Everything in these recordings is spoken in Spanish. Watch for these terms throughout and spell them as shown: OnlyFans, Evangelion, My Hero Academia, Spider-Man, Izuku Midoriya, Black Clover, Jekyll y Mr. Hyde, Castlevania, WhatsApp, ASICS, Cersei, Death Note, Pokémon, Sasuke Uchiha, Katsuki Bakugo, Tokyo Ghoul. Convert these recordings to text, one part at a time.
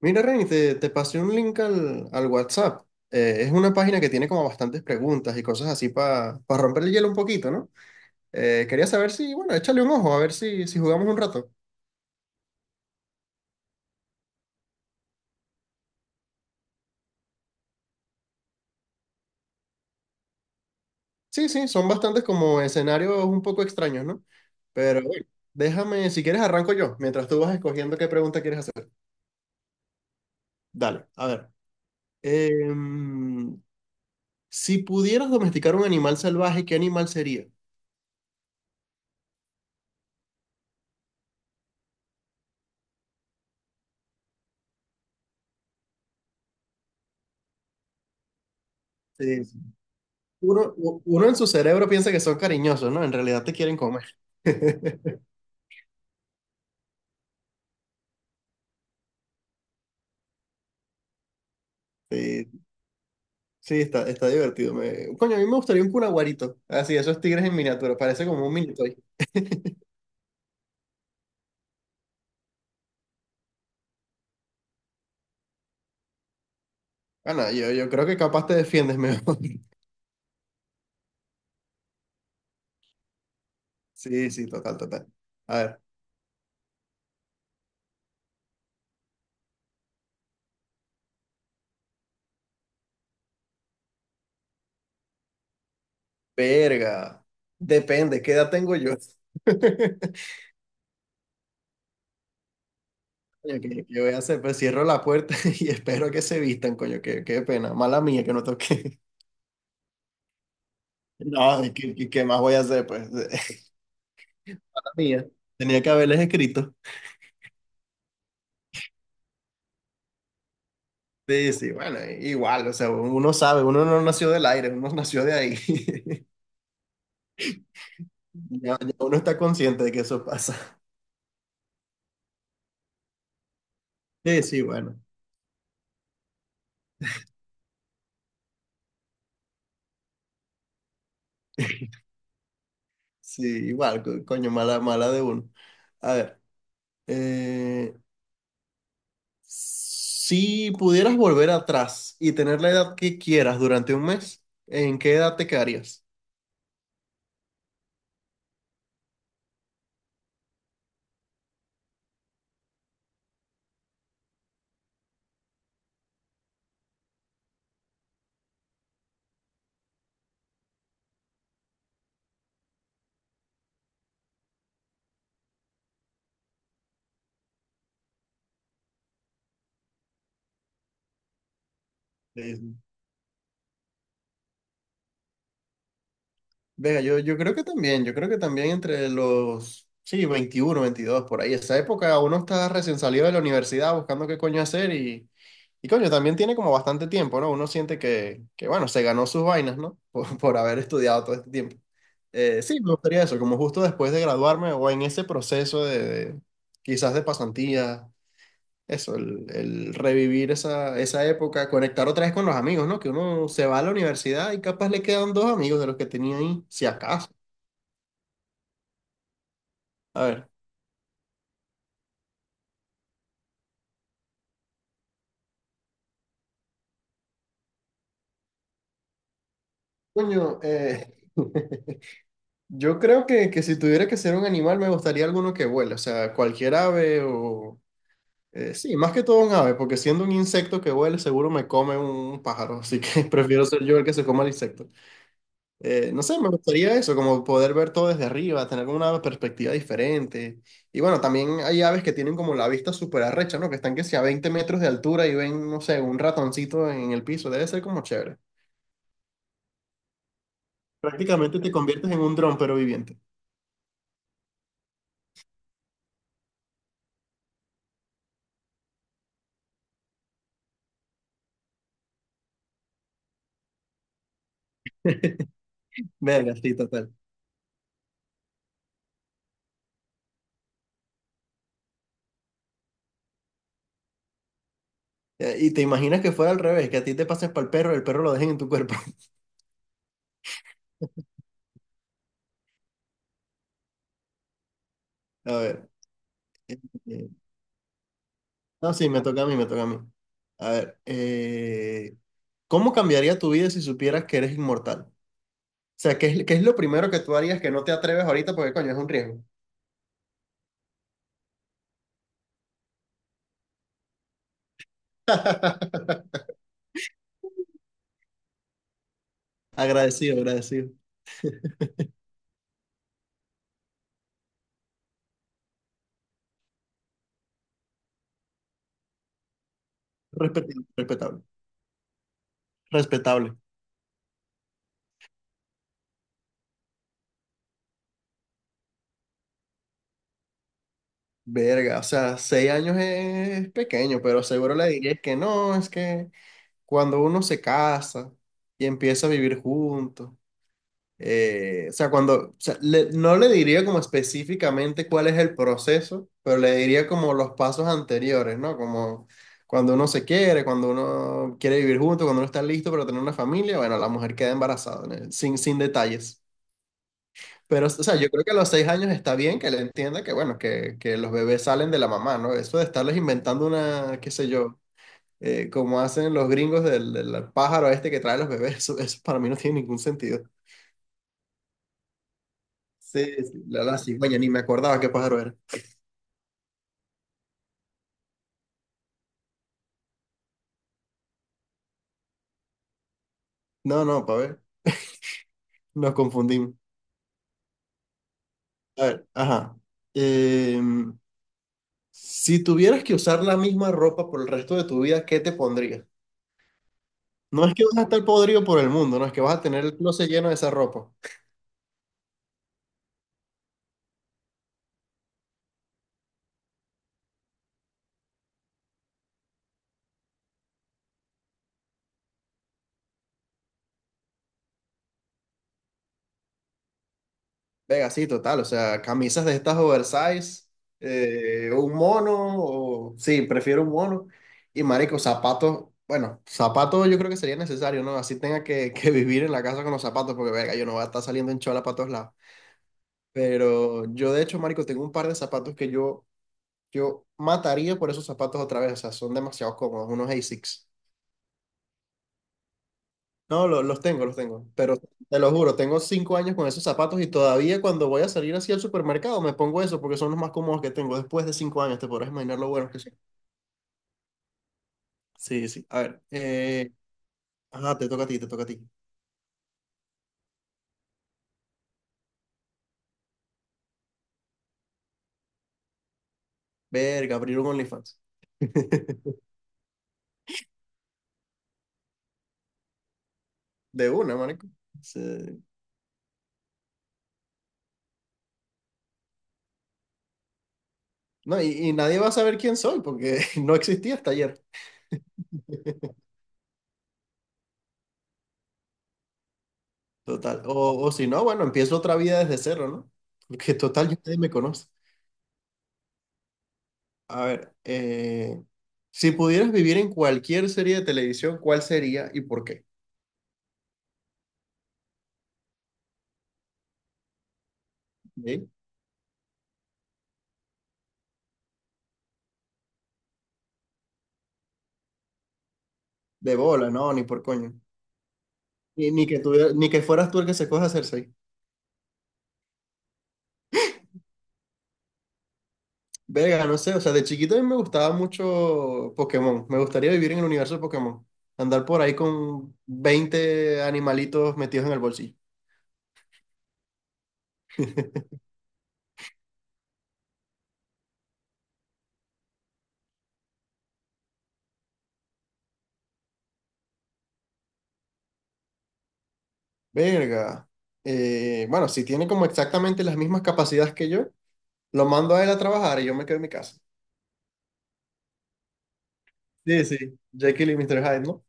Mira, Reni, te pasé un link al WhatsApp. Es una página que tiene como bastantes preguntas y cosas así para romper el hielo un poquito, ¿no? Quería saber si, bueno, échale un ojo, a ver si jugamos un rato. Sí, sí, son bastantes como escenarios un poco extraños, ¿no? Pero bueno, déjame, si quieres arranco yo, mientras tú vas escogiendo qué pregunta quieres hacer. Dale, a ver. Em, si pudieras domesticar un animal salvaje, ¿qué animal sería? Sí. Uno en su cerebro piensa que son cariñosos, ¿no? En realidad te quieren comer. Sí, sí, está divertido. Coño, a mí me gustaría un cunaguarito. Así, esos tigres en miniatura. Parece como un mini toy. Ah, no, yo creo que capaz te defiendes mejor. Sí, sí, total, total. A ver, verga. Depende, ¿qué edad tengo yo? Coño, ¿qué voy a hacer? Pues cierro la puerta y espero que se vistan, coño, qué pena. Mala mía que no toqué. No, ¿qué más voy a hacer? Pues mala mía. Tenía que haberles escrito. Sí, sí, bueno, igual, o sea, uno sabe, uno no nació del aire, uno nació de ahí. Ya, ya uno está consciente de que eso pasa. Sí, sí, bueno. Sí, igual, coño, mala, mala de uno. A ver, eh, si pudieras volver atrás y tener la edad que quieras durante un mes, ¿en qué edad te quedarías? Sí, sí. Venga, yo creo que también, entre los, sí, 21 22 por ahí, esa época uno está recién salido de la universidad buscando qué coño hacer y, coño, también tiene como bastante tiempo, ¿no? Uno siente que, bueno, se ganó sus vainas, ¿no? Por haber estudiado todo este tiempo. Sí, me gustaría eso, como justo después de graduarme o en ese proceso de, de- quizás de pasantía eso, el revivir esa época, conectar otra vez con los amigos, ¿no? Que uno se va a la universidad y capaz le quedan dos amigos de los que tenía ahí, si acaso. A ver. Coño, yo creo que, si tuviera que ser un animal, me gustaría alguno que vuele, o sea, cualquier ave o... sí, más que todo un ave, porque siendo un insecto que vuele, seguro me come un pájaro, así que prefiero ser yo el que se coma el insecto. No sé, me gustaría eso, como poder ver todo desde arriba, tener como una perspectiva diferente. Y bueno, también hay aves que tienen como la vista súper arrecha, ¿no? Que están que sea a 20 metros de altura y ven, no sé, un ratoncito en el piso. Debe ser como chévere. Prácticamente te conviertes en un dron, pero viviente. Verga, sí, total. Y te imaginas que fuera al revés, que a ti te pases para el perro lo dejen en tu cuerpo. A ver. eh, No, sí, me toca a mí, me toca a mí. A ver. ¿Cómo cambiaría tu vida si supieras que eres inmortal? ¿Qué es, qué es lo primero que tú harías que no te atreves ahorita? Porque, coño, es un riesgo. Agradecido, agradecido. Respetable, respetable. Respetable. Verga, o sea, seis años es pequeño, pero seguro le dirías que no, es que cuando uno se casa y empieza a vivir juntos. O sea, cuando, o sea, no le diría como específicamente cuál es el proceso, pero le diría como los pasos anteriores, ¿no? Como cuando uno se quiere, cuando uno quiere vivir junto, cuando uno está listo para tener una familia, bueno, la mujer queda embarazada, ¿no? Sin detalles. Pero, o sea, yo creo que a los seis años está bien que le entienda que, bueno, que los bebés salen de la mamá, ¿no? Eso de estarles inventando una, qué sé yo, como hacen los gringos del pájaro este que trae los bebés, eso para mí no tiene ningún sentido. Sí, sí, la cigüeña, ni me acordaba qué pájaro era. No, no, para ver, nos confundimos. A ver, ajá. Em, si tuvieras que usar la misma ropa por el resto de tu vida, ¿qué te pondrías? No es que vas a estar podrido por el mundo, no es que vas a tener el closet lleno de esa ropa. Venga, sí, total, o sea, camisas de estas oversize, un mono, sí, prefiero un mono, y marico, zapatos, bueno, zapatos yo creo que sería necesario, ¿no? Así tenga que, que vivir en la casa con los zapatos, porque venga, yo no voy a estar saliendo en chola para todos lados, pero yo de hecho, marico, tengo un par de zapatos que yo mataría por esos zapatos otra vez, o sea, son demasiado cómodos, unos ASICS. No, los tengo, los tengo. Pero te lo juro, tengo cinco años con esos zapatos y todavía cuando voy a salir así al supermercado me pongo eso porque son los más cómodos que tengo. Después de cinco años, te podrás imaginar lo buenos que son. Sí, sí. A ver. Ajá, te toca a ti, te toca a ti. Verga, abrir un OnlyFans. De una, marico. Sí. No, y nadie va a saber quién soy porque no existía hasta ayer. Total. O si no, bueno, empiezo otra vida desde cero, ¿no? Porque total, ya nadie me conoce. A ver, si pudieras vivir en cualquier serie de televisión, ¿cuál sería y por qué? ¿Sí? De bola, no, ni por coño. Ni que fueras tú el que se coja a Cersei. Verga, no sé, o sea, de chiquito a mí me gustaba mucho Pokémon. Me gustaría vivir en el universo de Pokémon. Andar por ahí con 20 animalitos metidos en el bolsillo. Verga. Bueno, si tiene como exactamente las mismas capacidades que yo, lo mando a él a trabajar y yo me quedo en mi casa. Sí, sí, Jekyll y Mr. Hyde, ¿no?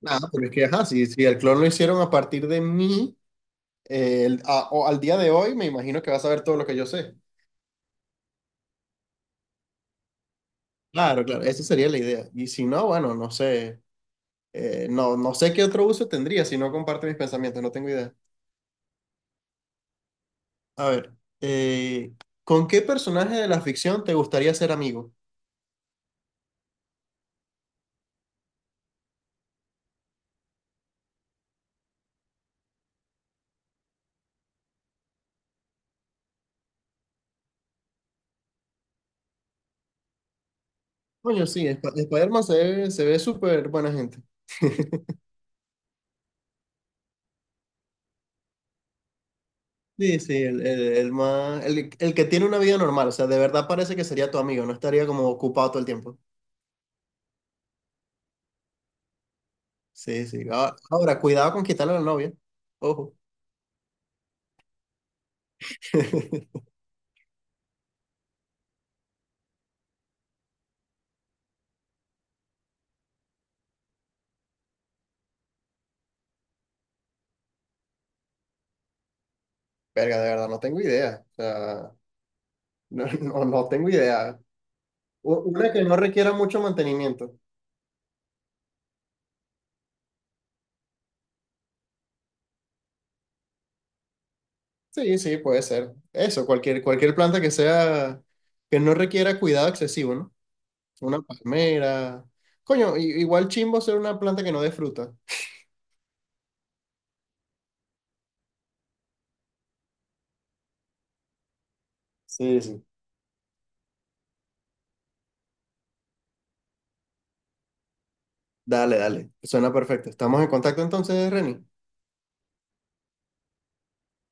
Nada, pero es que, ajá, si el clon lo hicieron a partir de mí, o al día de hoy, me imagino que vas a ver todo lo que yo sé. Claro, claro, esa sería la idea. Y si no, bueno, no sé, no sé qué otro uso tendría si no comparte mis pensamientos, no tengo idea. A ver, eh, ¿con qué personaje de la ficción te gustaría ser amigo? Coño, sí, Spider-Man se ve súper buena gente. Sí, sí, el más, el que tiene una vida normal, o sea, de verdad parece que sería tu amigo, no estaría como ocupado todo el tiempo. Sí, sí. Ah, ahora, cuidado con quitarle a la novia. Ojo. Verga, de verdad, no tengo idea. O sea, no, no, no tengo idea. Una que no requiera mucho mantenimiento. Sí, sí, puede ser. Eso, cualquier planta que sea, que no requiera cuidado excesivo, ¿no? Una palmera. Coño, igual chimbo ser una planta que no dé fruta. Sí, sí. Dale, dale. Suena perfecto. Estamos en contacto entonces, Reni.